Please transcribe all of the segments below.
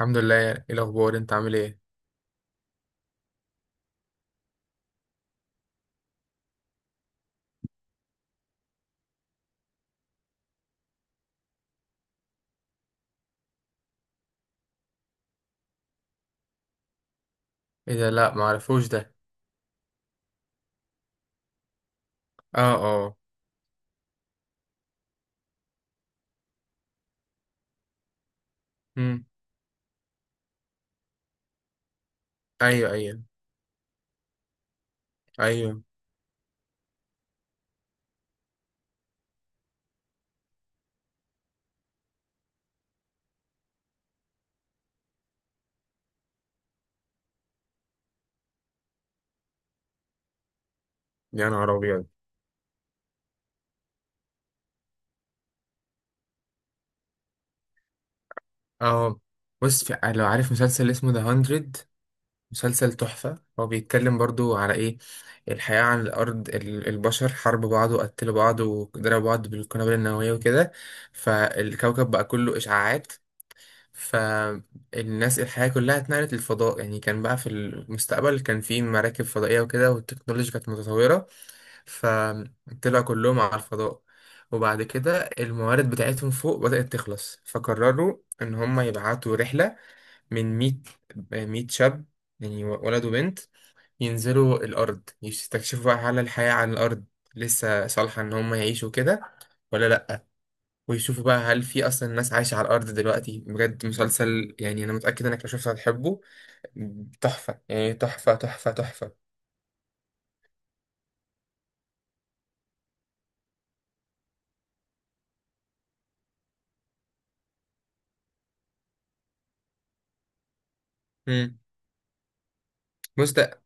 الحمد لله، ايه الاخبار؟ انت عامل ايه؟ ايه ده؟ لا ما عرفوش ده. اه اه. امم. ايوه ايوه. ايوه. يا نهار ابيض. اه، بص لو عارف مسلسل اسمه ذا 100، مسلسل تحفه. هو بيتكلم برضو على ايه؟ الحياه على الارض، البشر حاربوا بعض وقتلوا بعض وضربوا بعض بالقنابل النوويه وكده، فالكوكب بقى كله اشعاعات. فالناس الحياة كلها اتنقلت للفضاء، يعني كان بقى في المستقبل كان في مراكب فضائية وكده، والتكنولوجيا كانت متطورة، فطلع كلهم على الفضاء. وبعد كده الموارد بتاعتهم فوق بدأت تخلص، فقرروا إن هم يبعتوا رحلة من 100، 100 شاب يعني ولد وبنت، ينزلوا الأرض يستكشفوا بقى هل الحياة على الأرض لسه صالحة إن هم يعيشوا كده ولا لأ، ويشوفوا بقى هل في أصلا ناس عايشة على الأرض دلوقتي. بجد مسلسل، يعني أنا متأكد إنك لو شفته هتحبه. تحفة يعني، تحفة تحفة تحفة. مم. بص ده.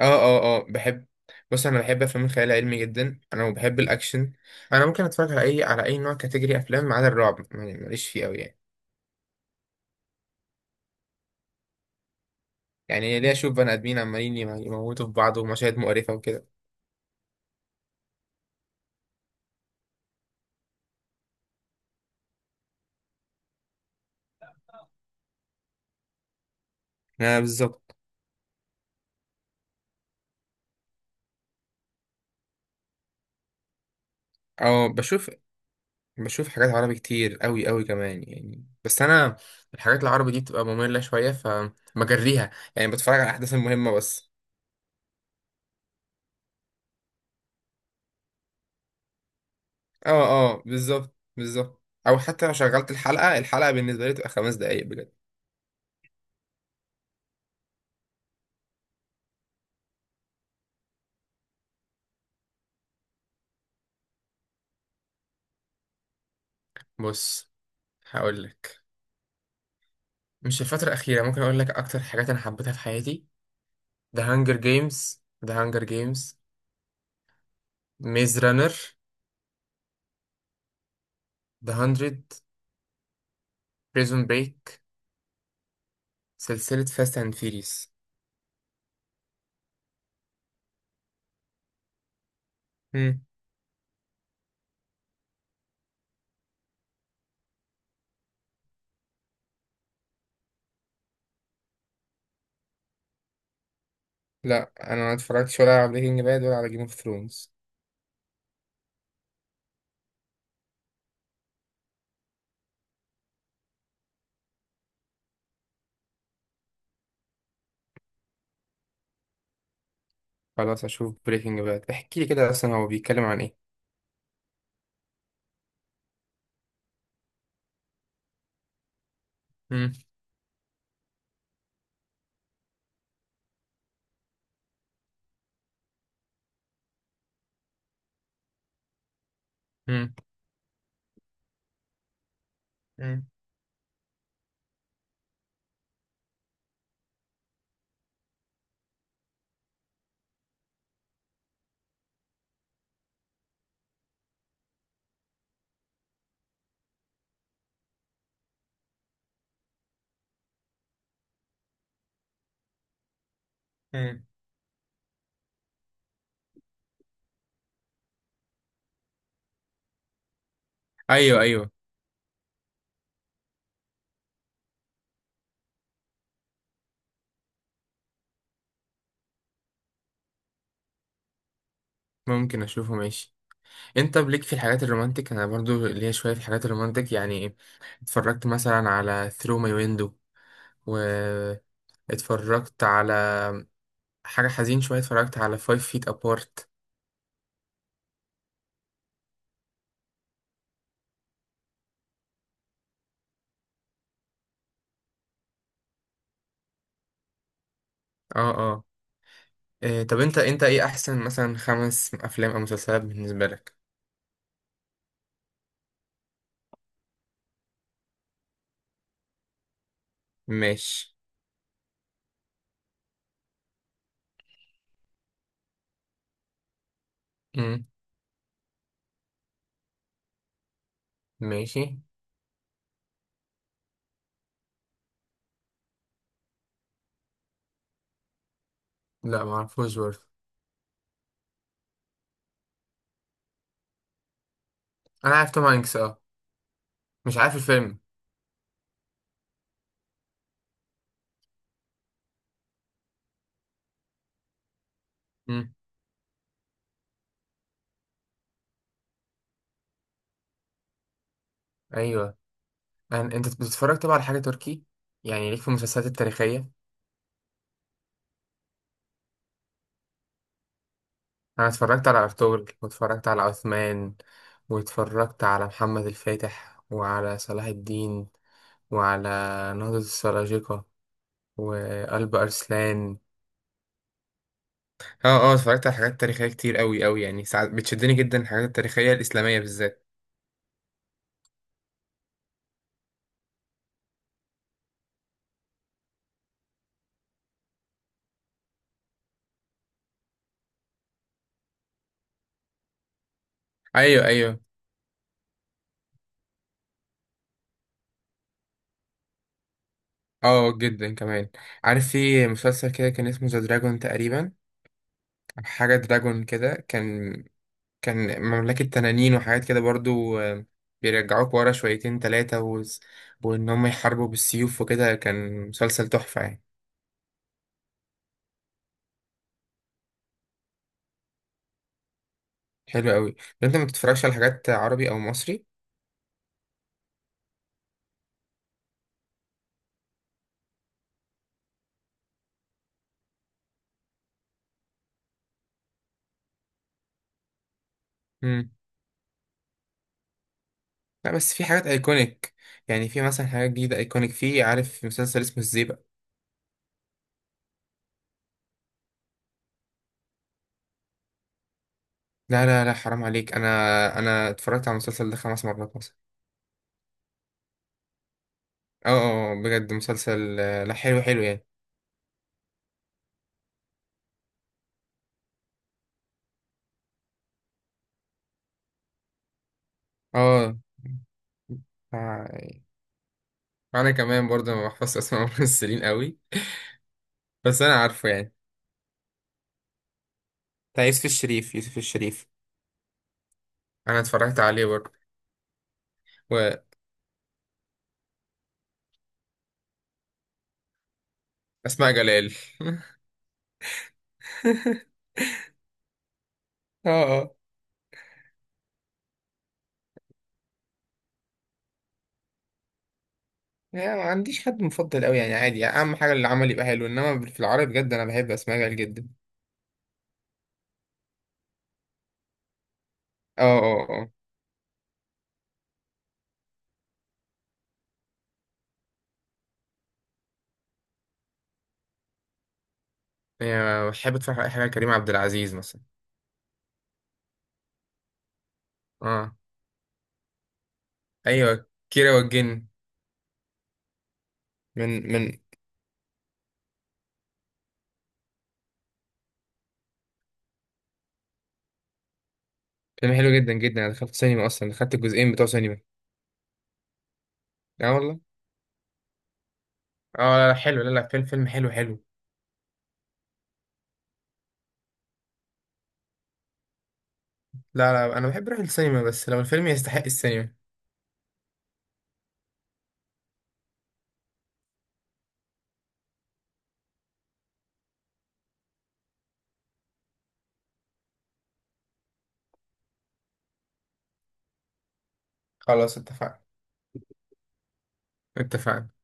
اه اه اه بحب. بص، انا بحب افلام الخيال العلمي جدا انا، وبحب الاكشن. انا ممكن اتفرج على اي نوع كاتيجوري افلام ما عدا الرعب، يعني ماليش فيه قوي يعني. يعني ليه اشوف بني ادمين عمالين يموتوا في بعض ومشاهد مقرفه وكده. اه بالظبط. اه بشوف. بشوف حاجات عربي كتير قوي قوي كمان يعني، بس انا الحاجات العربي دي بتبقى مملة شويه فبجريها، يعني بتفرج على الاحداث المهمه بس. اه اه بالظبط بالظبط. او حتى لو شغلت الحلقه بالنسبه لي تبقى 5 دقايق بجد. بص، هقول لك. مش الفترة الأخيرة، ممكن أقول لك أكتر حاجات أنا حبيتها في حياتي. The Hunger Games. The Hunger Games. Maze Runner. The Hundred. Prison Break. سلسلة Fast and Furious. مم. لا أنا ما اتفرجتش ولا على بريكنج باد ولا على جيم اوف ثرونز. خلاص أشوف بريكنج باد، احكي لي كده أصلا هو بيتكلم عن إيه؟ مم. مم. مم. مم. أيوه أيوه. ممكن أشوفه ماشي. أنت بليك في الحاجات الرومانتك، أنا برضو ليا شوية في الحاجات الرومانتك يعني. اتفرجت مثلا على ثرو ماي ويندو، و اتفرجت على حاجة حزين شوية، اتفرجت على Five Feet Apart. اه اه. إيه طب انت ايه احسن مثلا 5 افلام او مسلسلات بالنسبة لك؟ ماشي. امم. ماشي. لا معرفوش برضه. انا عارف توم هانكس اه. مش عارف الفيلم. امم. ايوه. انت بتتفرج طبعا على حاجة تركي، يعني ليك في المسلسلات التاريخية. انا اتفرجت على ارطغرل، واتفرجت على عثمان، واتفرجت على محمد الفاتح، وعلى صلاح الدين، وعلى نهضة السلاجقة، وقلب أرسلان. اه اه اتفرجت على حاجات تاريخية كتير قوي قوي، يعني ساعات بتشدني جدا الحاجات التاريخية الإسلامية بالذات. ايوه ايوه. اه جدا كمان. عارف في مسلسل كده كان اسمه ذا دراجون تقريبا، أو حاجة دراجون كده، كان مملكة تنانين وحاجات كده برضو. بيرجعوك ورا شويتين تلاتة وإن هم يحاربوا بالسيوف وكده، كان مسلسل تحفة يعني. حلو قوي. طب انت ما بتتفرجش على حاجات عربي او مصري؟ لا بس في حاجات ايكونيك، يعني في مثلا حاجات جديده ايكونيك في. عارف في مسلسل اسمه الزيبق. لا لا لا حرام عليك، انا اتفرجت على المسلسل ده 5 مرات مثلا. اه اه بجد مسلسل، لا حلو حلو يعني. اه آه، انا كمان برضه ما بحفظش اسماء الممثلين قوي. بس انا عارفه يعني. بتاع يوسف الشريف، يوسف الشريف. انا اتفرجت عليه برضه. واسماء جلال. اه اه. يعني ما عنديش حد مفضل قوي يعني، عادي يعني، اهم حاجه العمل يبقى حلو، انما في العربي بجد انا بحب اسماء جلال جدا. اه اه أه. يعني بحب اتفرج على اي حاجه، كريم عبد العزيز مثلا. اه ايوه كيرة والجن. من. فيلم حلو جدا جدا، انا دخلت سينما، اصلا دخلت الجزئين بتوع سينما. اه والله. اه لا لا حلو، لا لا فيلم فيلم حلو حلو. لا لا انا بحب اروح السينما بس لو الفيلم يستحق السينما. خلاص اتفقنا. اتفقنا.